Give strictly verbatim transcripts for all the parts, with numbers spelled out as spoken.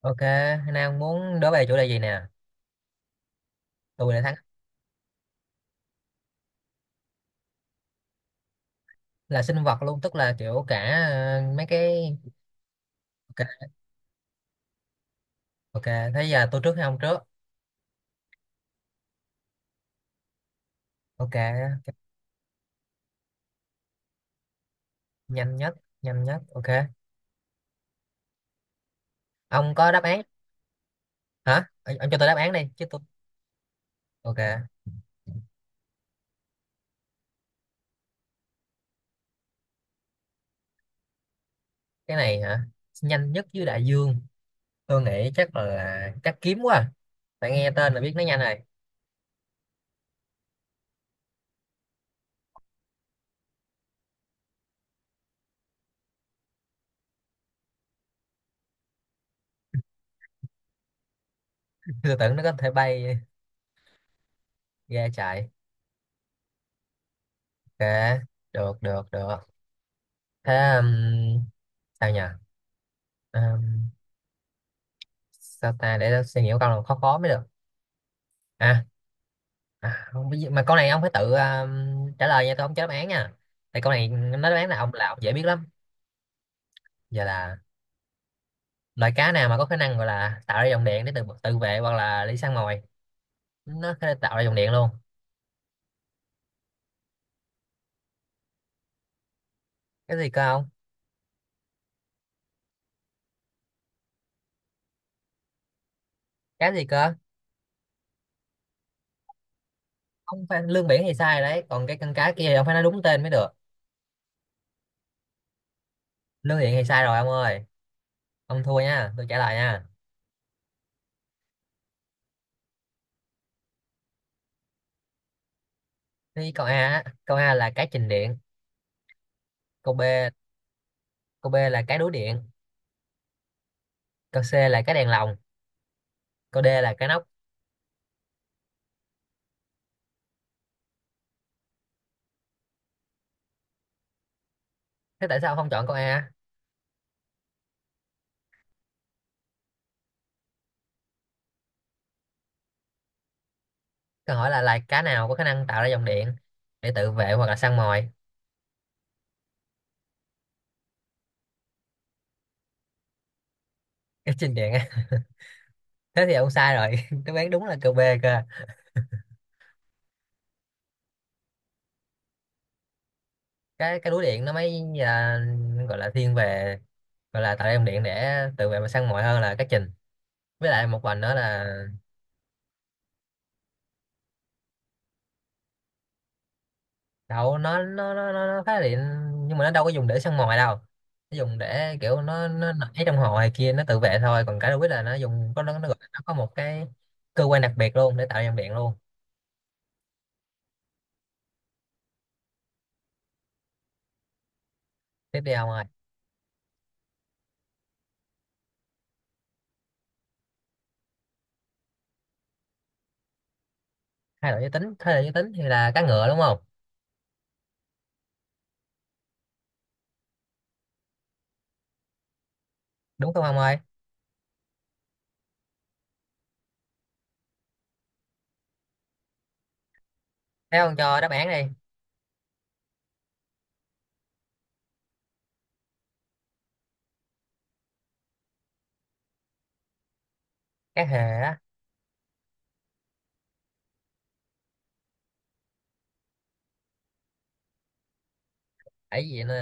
Ok, Nam muốn đố về chủ đề gì nè? Tôi đã thắng là sinh vật luôn, tức là kiểu cả ờ, mấy cái ok, ok. Thế giờ tôi trước hay ông trước? Ok, nhanh nhất, nhanh nhất. Ok. Ông có đáp án hả? Ờ, Ông cho tôi đáp án đi chứ tôi ok, cái này hả? Nhanh nhất dưới đại dương. Tôi nghĩ chắc là chắc kiếm quá. à. Tại nghe tên là biết nó nhanh rồi. Tôi tưởng nó có thể bay ra chạy. Ok, được, được, được. Thế um, sao nhỉ? Um, Sao ta, để tôi suy nghĩ một câu nào khó khó mới được. à, À không, biết gì- mà câu này ông phải tự ờ, trả lời nha, tôi không cho đáp án nha, tại câu này nó đáp án là ông, là ông dễ biết lắm. Giờ là loài cá nào mà có khả năng, gọi là tạo ra dòng điện để tự tự vệ hoặc là đi săn mồi, nó có thể tạo ra dòng điện luôn. Cái gì cơ, không? Cá gì cơ? Ông phải lương biển thì sai rồi đấy, còn cái con cá kia thì ông phải nói đúng tên mới được. Lương điện thì sai rồi ông ơi, ông thua nha, tôi trả lời nha. Thì câu A á, câu A là cái trình điện, câu B, câu B là cái đuối điện, câu C là cái đèn lồng, câu D là cái nóc. Thế tại sao ông không chọn câu A? Câu hỏi là loài cá nào có khả năng tạo ra dòng điện để tự vệ hoặc là săn mồi? Cái chinh điện á. Thế thì ông sai rồi. Đáp án đúng là câu B cơ. Cái cái đuối điện nó mới à, gọi là thiên về, gọi là tạo ra dòng điện để tự vệ và săn mồi hơn là cá trình. Với lại một vành nữa là đậu nó nó nó nó, nó phá điện, nhưng mà nó đâu có dùng để săn mồi đâu. Nó dùng để kiểu, nó nó nảy trong hồ hay kia, nó tự vệ thôi, còn cá đuối là nó dùng, có nó nó, gọi- nó có một cái cơ quan đặc biệt luôn để tạo ra dòng điện luôn. Tiếp đi ông ơi. Hai loại giới tính, thế hệ giới tính thì là cá ngựa đúng không? Đúng không ông ơi? Thế ông cho đáp án đi. Cá hề á? Ấy gì nó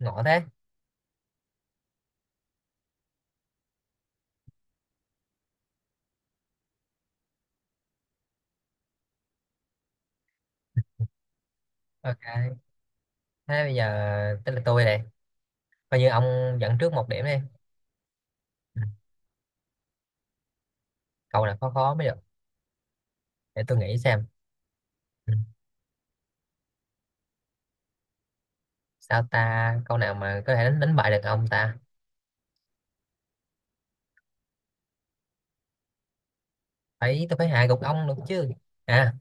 ngộ thế. Ok, thế bây giờ tới là tôi này, coi như ông dẫn trước một điểm đi. Ừ, câu nào khó khó mới được, để tôi nghĩ xem. Ừ, sao ta, câu nào mà có thể đánh đánh bại được ông ta, phải tôi phải hạ gục ông được chứ. À,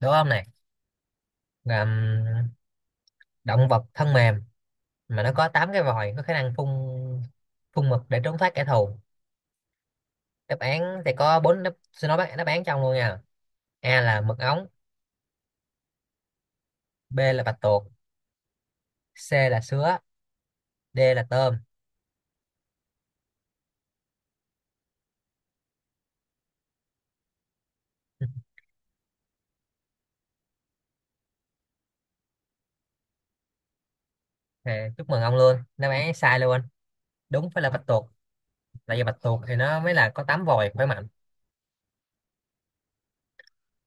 đúng không này, là ừm, động vật thân mềm mà nó có tám cái vòi, có khả năng phun, phun mực để trốn thoát kẻ thù. Đáp án thì có bốn đáp, xin nói bác- đáp án trong luôn nha. A là mực ống, B là bạch tuộc, C là sứa, D là tôm. À, chúc mừng ông luôn, đáp án sai luôn. Đúng phải là bạch tuộc, tại vì bạch tuộc thì nó mới là có tám vòi khỏe mạnh.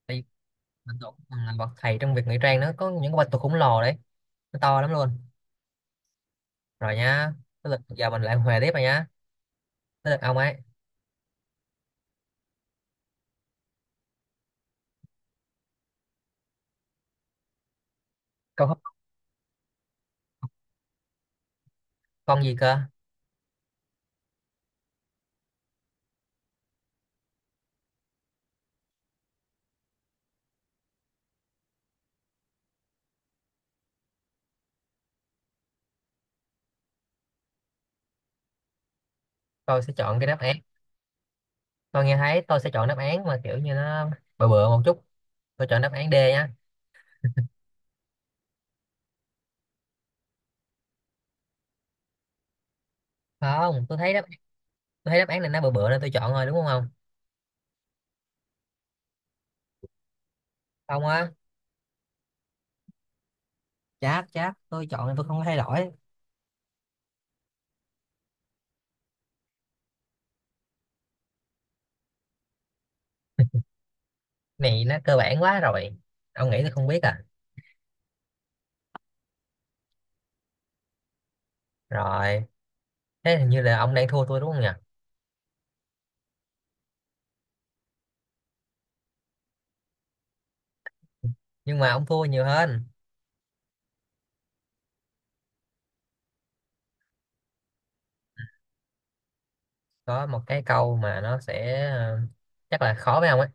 Tại vì bạch tuộc còn là bậc thầy trong việc ngụy trang, nó có những con bạch tuộc khổng lồ đấy, nó to lắm luôn. Rồi nhá, tới lượt giờ mình lại hòa tiếp rồi nhá, tới lượt ông ấy. Câu hỏi con gì cơ? Tôi sẽ chọn cái đáp án, tôi nghe thấy, tôi sẽ chọn đáp án mà kiểu như nó bừa bừa một chút, tôi chọn đáp án D nhá. Không, tôi thấy đáp, tôi thấy đáp án này nó bừa bừa nên tôi chọn rồi, đúng không ông? Không á. Chắc, chắc, tôi chọn thì tôi không có thay đổi. Này nó cơ bản quá rồi, ông nghĩ tôi không biết à? Rồi, thế hình như là ông đang thua tôi đúng không nhỉ? Nhưng mà ông thua nhiều hơn. Có một cái câu mà nó sẽ ờ, chắc là khó với ông ấy.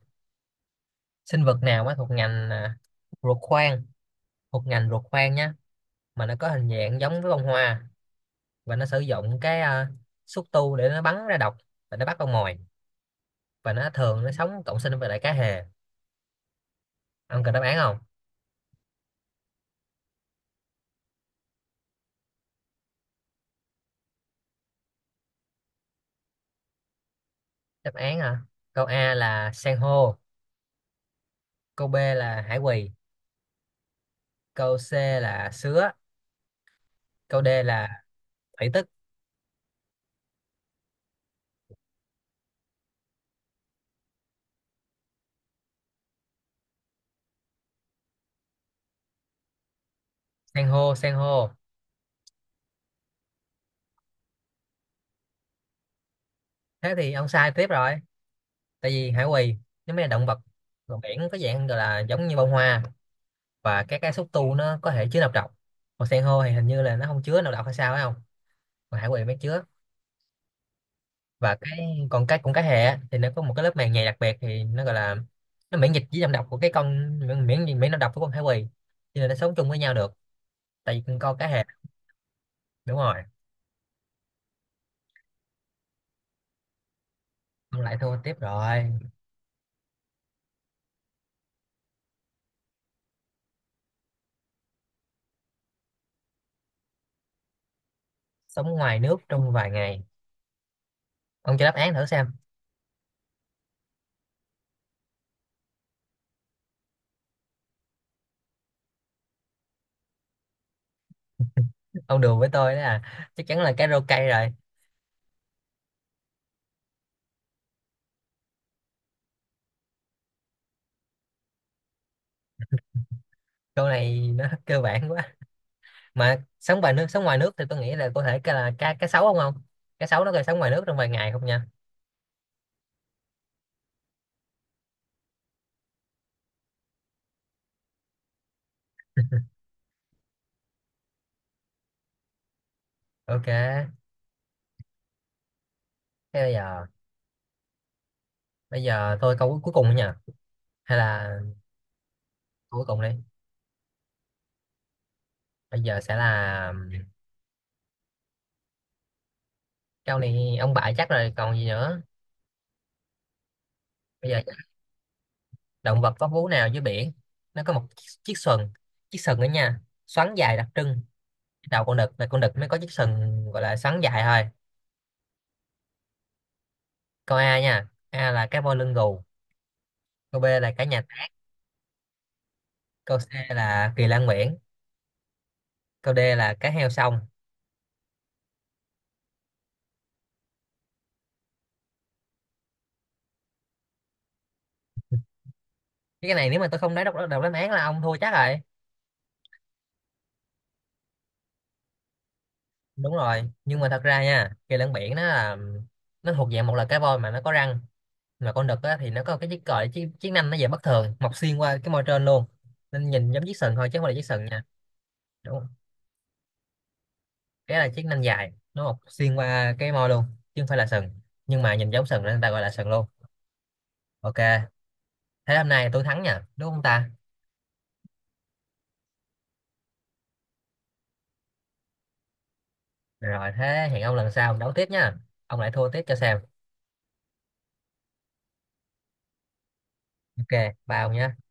Sinh vật nào mà thuộc ngành à, ruột khoang, thuộc ngành ruột khoang nhá, mà nó có hình dạng giống với bông hoa, và nó sử dụng cái ờ, xúc tu để nó bắn ra độc và nó bắt con mồi, và nó thường nó sống cộng sinh với lại cá hề. Ông cần đáp án không? Đáp án hả? Câu A là san hô, câu B là hải quỳ, câu C là sứa, câu D là thủy tức. San hô, san hô. Thế thì ông sai tiếp rồi, tại vì hải quỳ nó mới là động vật, còn biển, có dạng gọi là giống như bông hoa, và các cái xúc tu nó có thể chứa nọc độc. Còn san hô thì hình như là nó không chứa nọc độc hay sao phải không, còn hải quỳ mới chứa. Và cái còn cái cũng cá hề á, thì nó có một cái lớp màng nhầy đặc biệt, thì nó gọi là, nó miễn dịch với nọc độc của cái con, miễn miễn miễn nọc độc của con hải quỳ, cho nên nó sống chung với nhau được, tại vì con cá hề. Đúng rồi. Ông lại thua tiếp rồi. Sống ngoài nước trong vài ngày. Ông cho đáp án thử xem. Ông đùa với tôi đó, là chắc chắn là cái rô cây rồi. Câu này nó cơ bản quá. Mà sống ngoài nước, sống ngoài nước thì tôi nghĩ là có thể cái là cá, cá sấu không, không? Cá sấu nó có thể sống ngoài nước trong vài ngày không nha? Ok, thế bây giờ, bây giờ tôi câu cuối cuối cùng nữa nha, hay là câu cuối cùng đi. Bây giờ sẽ là câu này ông bại chắc rồi còn gì nữa. Bây giờ, động vật có vú nào dưới biển, nó có một chiếc chiếc sừng, chiếc sừng đó nha, xoắn dài đặc trưng, đầu con đực, là con đực mới có chiếc sừng gọi là sắn dài thôi. Câu A nha, A là cá voi lưng gù, câu B là cá nhà táng, câu C là kỳ lan nguyễn, câu D là cá heo sông. Cái này nếu mà tôi không nói đọc, đọc đáp án là ông thua chắc rồi. Đúng rồi, nhưng mà thật ra nha, kỳ lân biển nó là, nó thuộc dạng một là cá voi mà nó có răng, mà con đực á, thì nó có cái chiếc còi chiếc, chiếc nanh, nó dạng bất thường, mọc xuyên qua cái môi trên luôn, nên nhìn giống chiếc sừng thôi chứ không phải là chiếc sừng nha. Đúng, cái là chiếc nanh dài, nó mọc xuyên qua cái môi luôn, chứ không phải là sừng, nhưng mà nhìn giống sừng nên người ta gọi là sừng luôn. Ok, thế hôm nay tôi thắng nha, đúng không ta? Rồi thế hẹn ông lần sau đấu tiếp nha, ông lại thua tiếp cho xem. Ok, bao nhá.